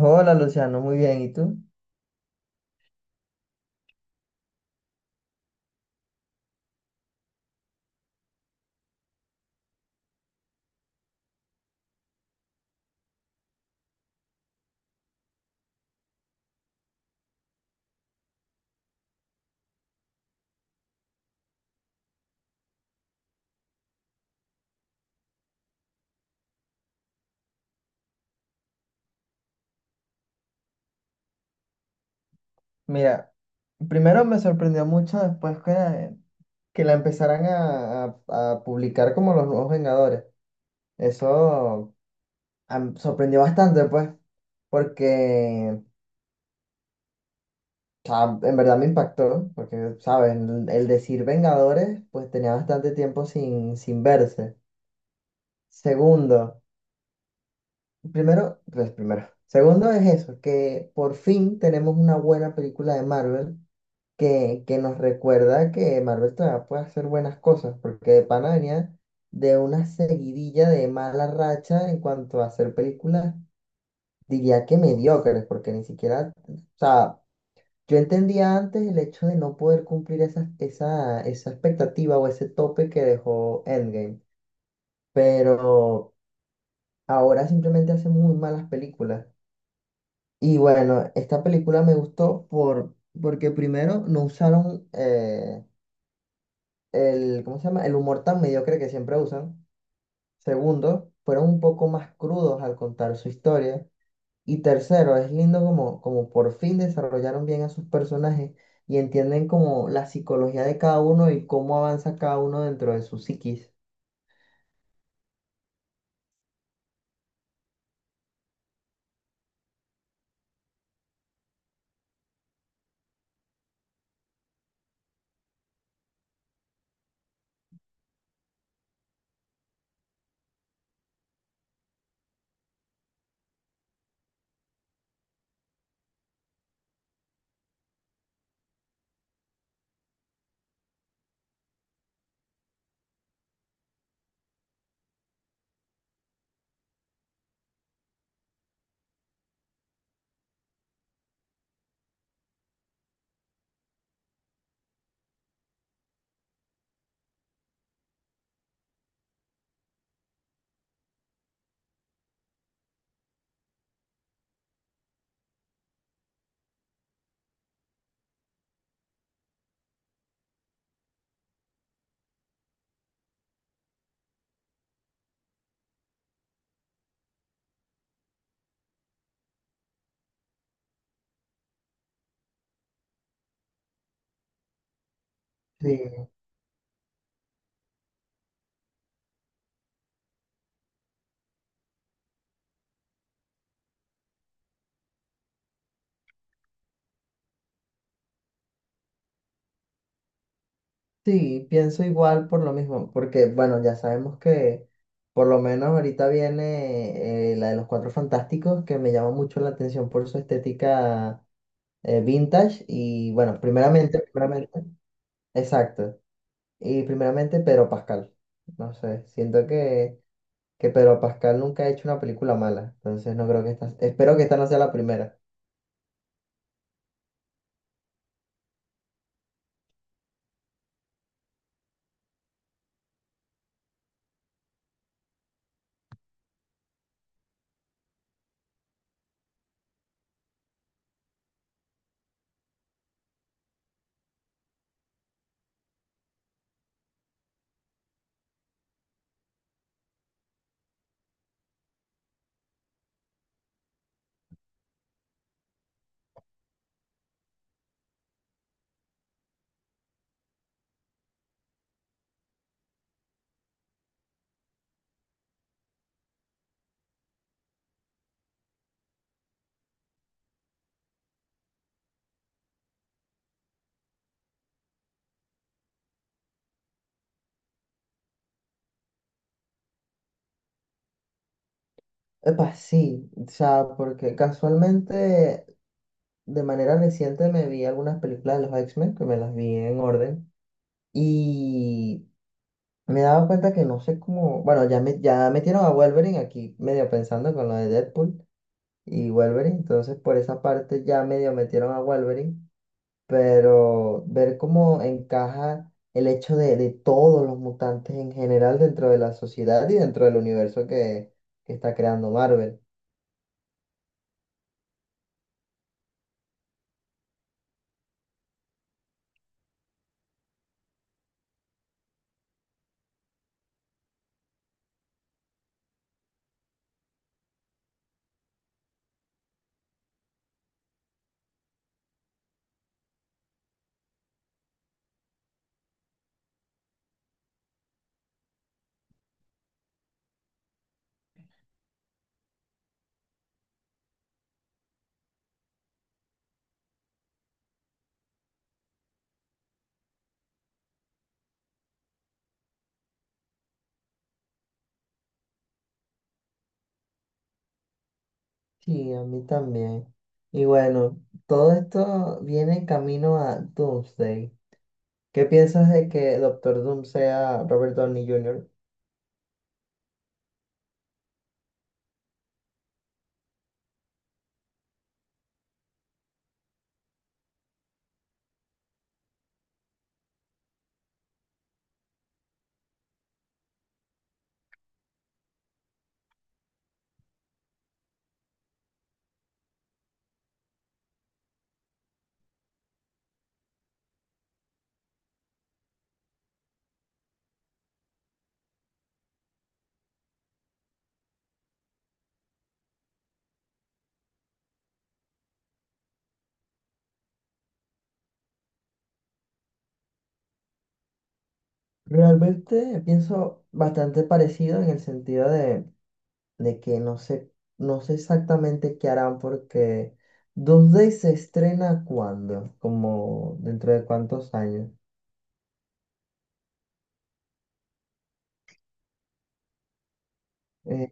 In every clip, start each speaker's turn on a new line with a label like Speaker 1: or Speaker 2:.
Speaker 1: Hola Luciano, muy bien. ¿Y tú? Mira, primero me sorprendió mucho después que la empezaran a publicar como los nuevos Vengadores. Eso sorprendió bastante, pues, porque o sea, en verdad me impactó, porque, ¿sabes? El decir Vengadores, pues tenía bastante tiempo sin verse. Segundo, primero, pues primero. Segundo es eso, que por fin tenemos una buena película de Marvel que nos recuerda que Marvel todavía puede hacer buenas cosas, porque de pana venía de una seguidilla de mala racha en cuanto a hacer películas, diría que mediocres, porque ni siquiera, o sea, yo entendía antes el hecho de no poder cumplir esa expectativa o ese tope que dejó Endgame, pero ahora simplemente hace muy malas películas. Y bueno, esta película me gustó porque primero no usaron el, ¿cómo se llama? El humor tan mediocre que siempre usan. Segundo, fueron un poco más crudos al contar su historia. Y tercero, es lindo como por fin desarrollaron bien a sus personajes y entienden como la psicología de cada uno y cómo avanza cada uno dentro de su psiquis. Sí, sí, pienso igual por lo mismo, porque bueno, ya sabemos que por lo menos ahorita viene la de los Cuatro Fantásticos, que me llama mucho la atención por su estética vintage y bueno, primeramente, exacto. Y primeramente Pedro Pascal. No sé, que Pedro Pascal nunca ha hecho una película mala, entonces no creo que esta, espero que esta no sea la primera. Epa, sí, o sea, porque casualmente de manera reciente me vi algunas películas de los X-Men, que me las vi en orden, y me daba cuenta que no sé cómo, bueno, ya metieron a Wolverine aquí medio pensando con lo de Deadpool y Wolverine. Entonces, por esa parte ya medio metieron a Wolverine, pero ver cómo encaja el hecho de todos los mutantes en general dentro de la sociedad y dentro del universo que está creando Marvel. Sí, a mí también. Y bueno, todo esto viene en camino a Doomsday. ¿Qué piensas de que Doctor Doom sea Robert Downey Jr.? Realmente pienso bastante parecido en el sentido de que no sé, no sé exactamente qué harán porque 2D se estrena cuándo, como dentro de cuántos años. Eh,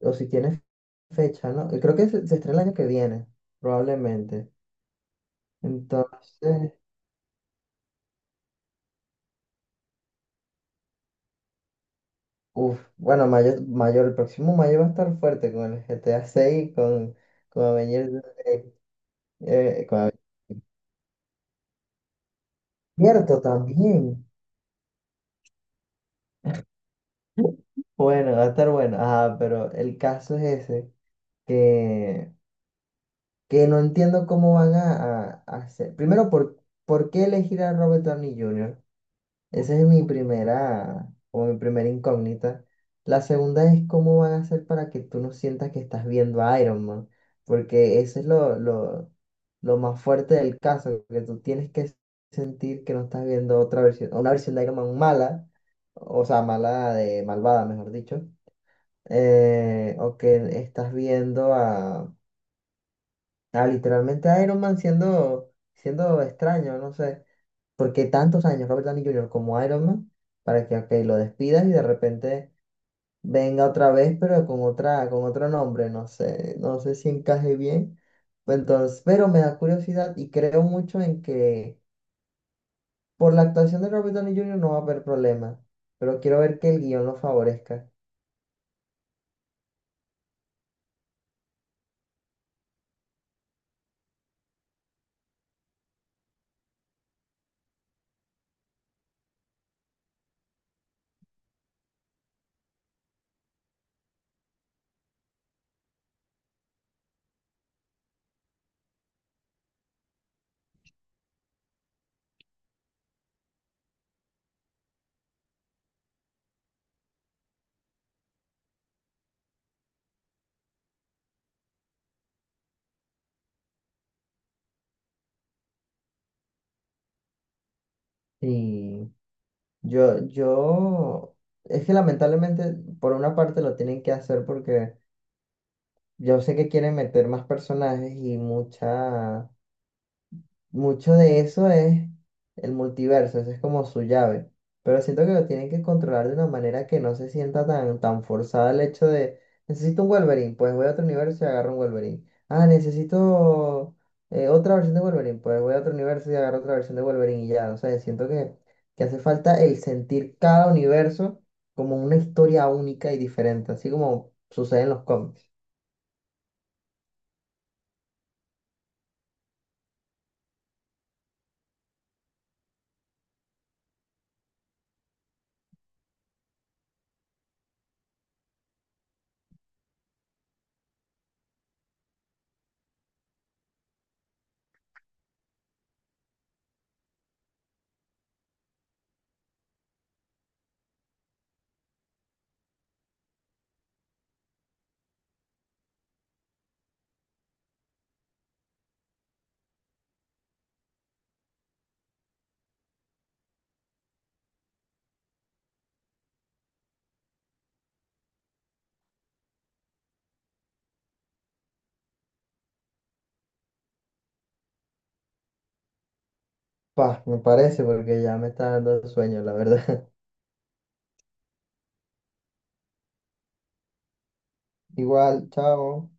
Speaker 1: o si tiene fecha, ¿no? Creo que se estrena el año que viene, probablemente. Entonces, uff, bueno, mayo, mayor, el próximo mayo va a estar fuerte con el GTA 6, con Avengers, eh, con Avengers. Cierto, también. Bueno, va a estar bueno. Ah, pero el caso es ese, que no entiendo cómo van a hacer. Primero, por qué elegir a Robert Downey Jr.? Esa es mi primera, o mi primera incógnita. La segunda es cómo van a hacer para que tú no sientas que estás viendo a Iron Man, porque eso es lo más fuerte del caso, que tú tienes que sentir que no estás viendo otra versión, una versión de Iron Man mala, o sea, mala de malvada, mejor dicho, o que estás viendo a Ah, literalmente Iron Man siendo extraño, no sé. Porque tantos años Robert Downey Junior como Iron Man para que ok, lo despidas y de repente venga otra vez, pero con otra, con otro nombre, no sé, no sé si encaje bien. Entonces, pero me da curiosidad y creo mucho en que por la actuación de Robert Downey Junior no va a haber problema. Pero quiero ver que el guión lo favorezca. Y yo, es que lamentablemente por una parte lo tienen que hacer porque yo sé que quieren meter más personajes y mucho de eso es el multiverso, eso es como su llave. Pero siento que lo tienen que controlar de una manera que no se sienta tan forzada el hecho de, necesito un Wolverine, pues voy a otro universo y agarro un Wolverine. Ah, necesito otra versión de Wolverine, pues voy a otro universo y agarro otra versión de Wolverine y ya. O sea, que hace falta el sentir cada universo como una historia única y diferente, así como sucede en los cómics. Pa, me parece porque ya me está dando sueño, la verdad. Igual, chao.